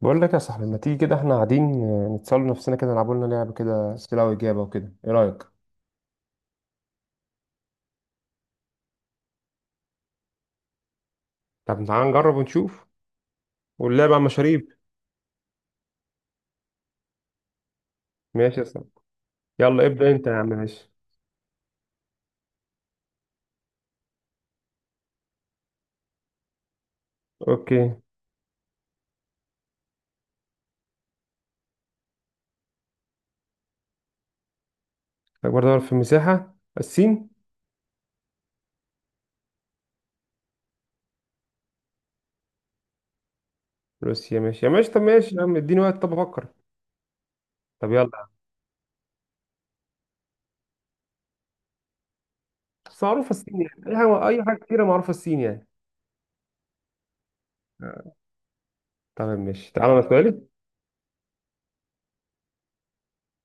بقول لك يا صاحبي، ما تيجي كده احنا قاعدين نتسأل نفسنا كده، نلعبوا لنا لعبة كده، أسئلة وإجابة وكده، إيه رأيك؟ طب تعال نجرب ونشوف. واللعبة على المشاريب. ماشي يا صاحبي. يلا ابدأ أنت يا عم. ماشي. أوكي. أكبر دولة في المساحة الصين. روسيا ماشي يا ماشي. طب ماشي يا عم، اديني وقت طب أفكر. طب يلا. بس معروفة الصين يعني، أي حاجة كتيرة معروفة الصين يعني. طب ماشي تعالى أنا سؤالي.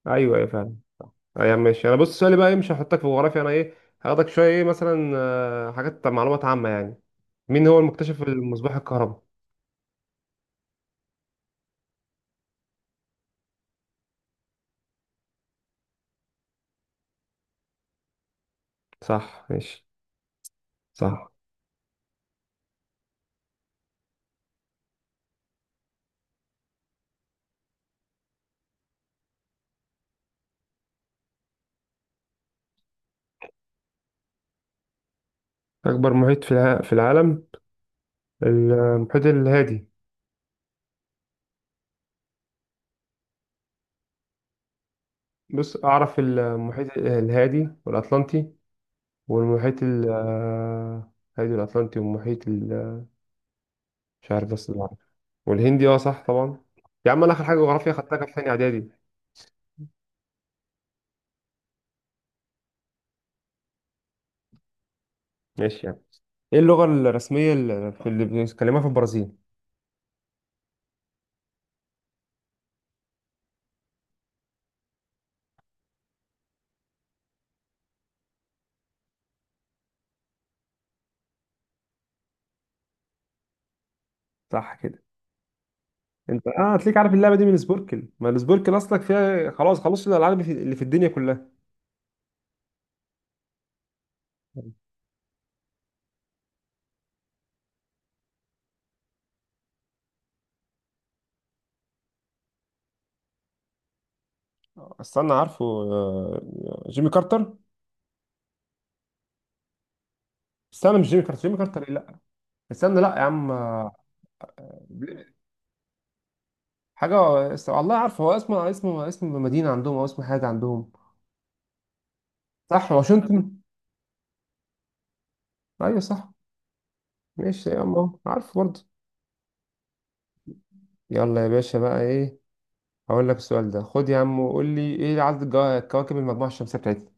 أيوه أيوه فعلا. ايوه ماشي، انا بص سؤالي بقى ايه، مش هحطك في جغرافيا. انا ايه هاخدك شويه، ايه مثلا حاجات معلومات عامه يعني. مين هو المكتشف المصباح الكهرباء؟ صح ماشي. صح. أكبر محيط في العالم، المحيط الهادي. بص أعرف المحيط الهادي والأطلنطي والمحيط ال- آه، الهادي والأطلنطي مش عارف بس اللي أعرفه. والهندي اه صح طبعا. يا عم أنا آخر حاجة جغرافيا خدتها كانت في تاني إعدادي. ماشي يعني. إيه اللغة الرسمية اللي بيتكلموها في البرازيل؟ صح كده. انت اه هتلاقيك عارف اللعبه دي من سبوركل، ما السبوركل اصلك فيها خلاص خلاص الالعاب اللي في الدنيا كلها. استنى عارفه جيمي كارتر. استنى مش جيمي كارتر، جيمي كارتر إيه؟ لا. استنى لا يا عم حاجه. والله عارفه، هو اسمه اسم مدينه عندهم او اسم حاجه عندهم. صح واشنطن. ايوه صح. ماشي يا عم أهو، عارفه برضه. يلا يا باشا بقى ايه. هقول لك السؤال ده خد يا عم، وقول لي ايه عدد كواكب المجموعه الشمسيه بتاعتنا.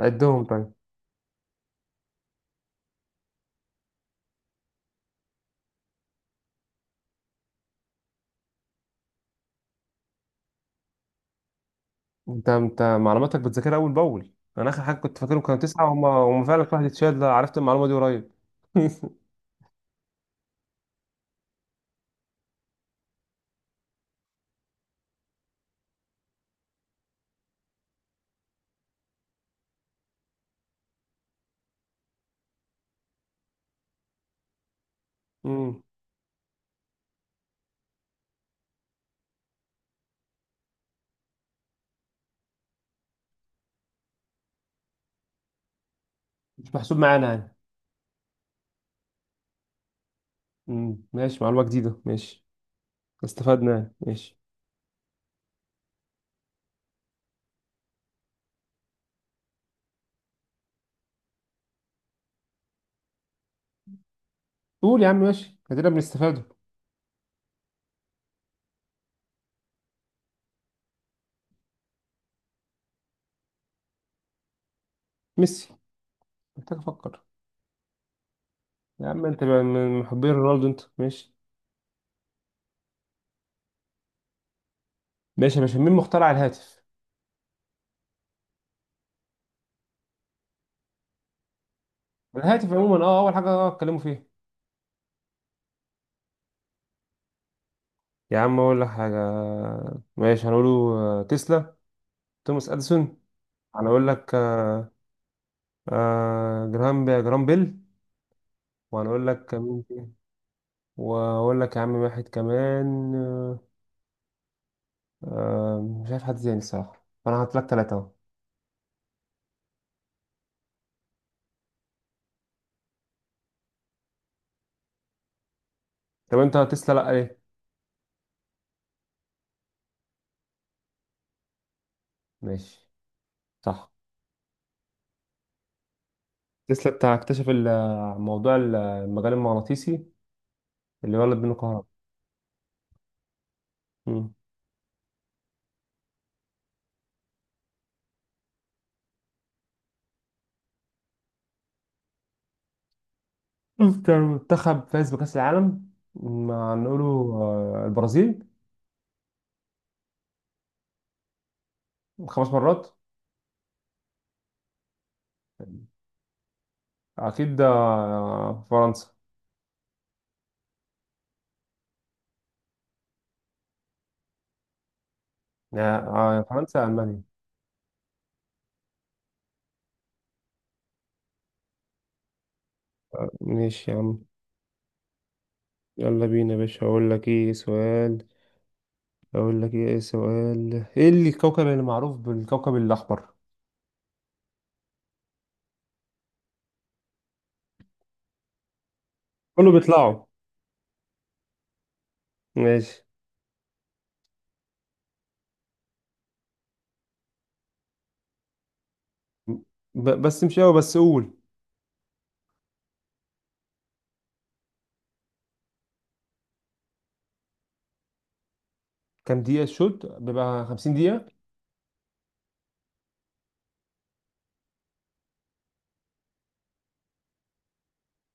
عدهم طيب. انت معلوماتك بتذاكرها اول باول. انا اخر حاجه كنت فاكرهم كانوا تسعه، هم فعلا كل واحد اتشال، ده عرفت المعلومه دي قريب. مم. مش محسوب معانا يعني. ماشي معلومة جديدة ماشي. استفدنا يعني ماشي. قول يا عم ماشي، ادينا بنستفاده. ميسي. محتاج افكر. يا عم انت بقى من محبين رونالدو انت ماشي. ماشي يا باشا. مين مخترع الهاتف؟ الهاتف عموما، اول حاجة اتكلموا فيها. يا عم اقول لك حاجة. ماشي هنقوله. تسلا، توماس اديسون. هنقول لك جرام بيل. وهنقول لك مين تاني؟ وهقول لك يا عم واحد كمان مش عارف حد تاني الصراحة، فانا هحط لك ثلاثة اهو. طب انت تسلا لا ليه؟ ماشي. صح. تسلا بتاع اكتشف موضوع المجال المغناطيسي اللي ولد بينه كهرباء. مم. أكتر منتخب فاز بكأس العالم؟ ما نقوله البرازيل. خمس مرات. أكيد فرنسا. آه، فرنسا ألمانيا. ماشي يا عم. يلا بينا يا باشا. هقول لك ايه سؤال ايه اللي الكوكب اللي معروف بالكوكب الأحمر؟ كله بيطلعوا. ماشي. بس مش قوي بس قول. كام دقيقة الشوط؟ بيبقى 50 دقيقة.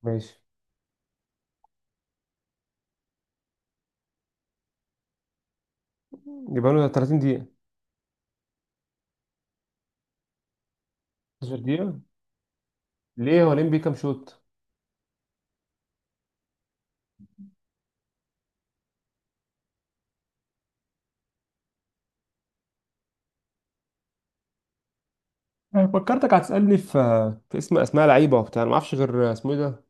ماشي يبقى له 30 دقيقة. 12 دقيقة. ليه هو الام بي كام شوط؟ أنا فكرتك هتسألني في اسم اسماء لعيبة وبتاع، انا ما اعرفش غير اسمه ايه ده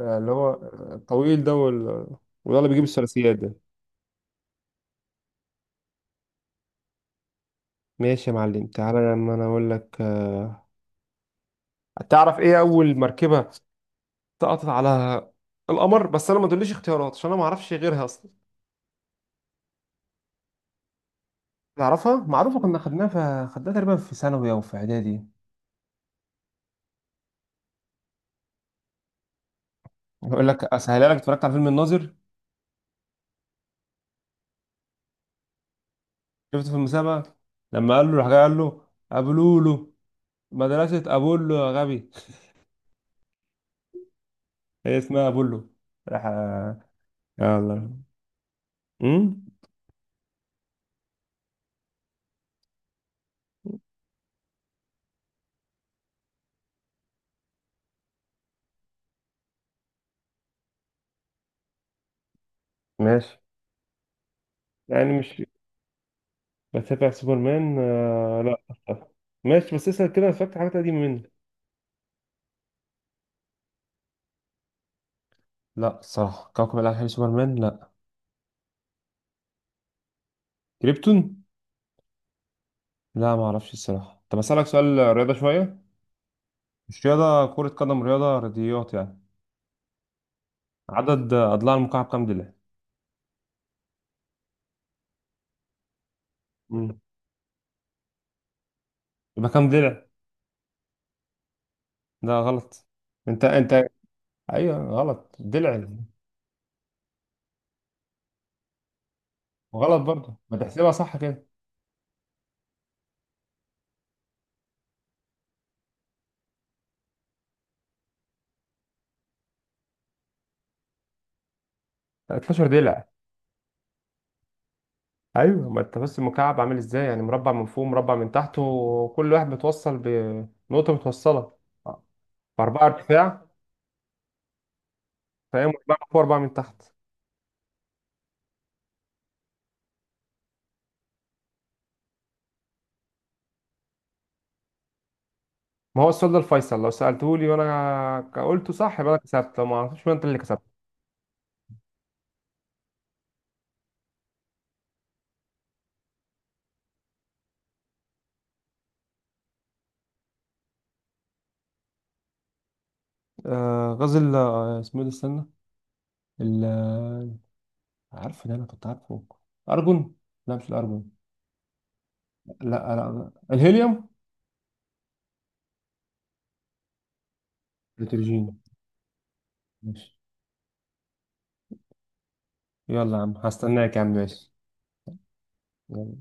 اللي هو الطويل ده وده اللي بيجيب الثلاثيات ده. ماشي يا معلم، تعالى لما انا اقول لك تعرف ايه اول مركبة سقطت على القمر؟ بس انا ما تقوليش اختيارات عشان انا ما اعرفش غيرها اصلا. تعرفها معروفة، كنا خدناها تقريبا في ثانوي او في اعدادي. اقول لك اسهلها لك، اتفرجت على فيلم الناظر؟ شفت في المسابقة لما قال له راح جاي قال له أبولولو، مدرسة أبولو يا غبي. هي اسمها أبولو. راح يا الله. أمم؟ ماشي يعني. مش بتابع سوبرمان آه لا. ماشي بس اسأل كده، أنا فاكر حاجات قديمة مني. لا الصراحة كوكب الألعاب حلو. سوبرمان لا. كريبتون. لا ما أعرفش الصراحة. طب أسألك سؤال رياضة شوية، مش رياضة كرة قدم، رياضة رياضيات يعني. عدد أضلاع المكعب كام ضلع؟ مم. يبقى كام ضلع؟ لا غلط. انت. ايوه غلط دلع. غلط برضه، ما تحسبها صح كده. 13 دلع. ايوه ما انت بس المكعب عامل ازاي يعني، مربع من فوق مربع من تحت، وكل واحد متوصل بنقطه متوصله باربعه ارتفاع. فهي مربع من فوق اربعه من تحت. ما هو السؤال ده الفيصل، لو سالته لي وانا قلته صح يبقى انا كسبت، لو ما عرفتش يبقى انت اللي كسبت. آه غزل اسمه ايه ده استنى. ال آه، عارفه، ده انا كنت عارفه. ارجون. لا مش الارجون. لا لا لا. الهيليوم. نيتروجين. ماشي. يلا يا عم هستناك يا عم ماشي. يلا.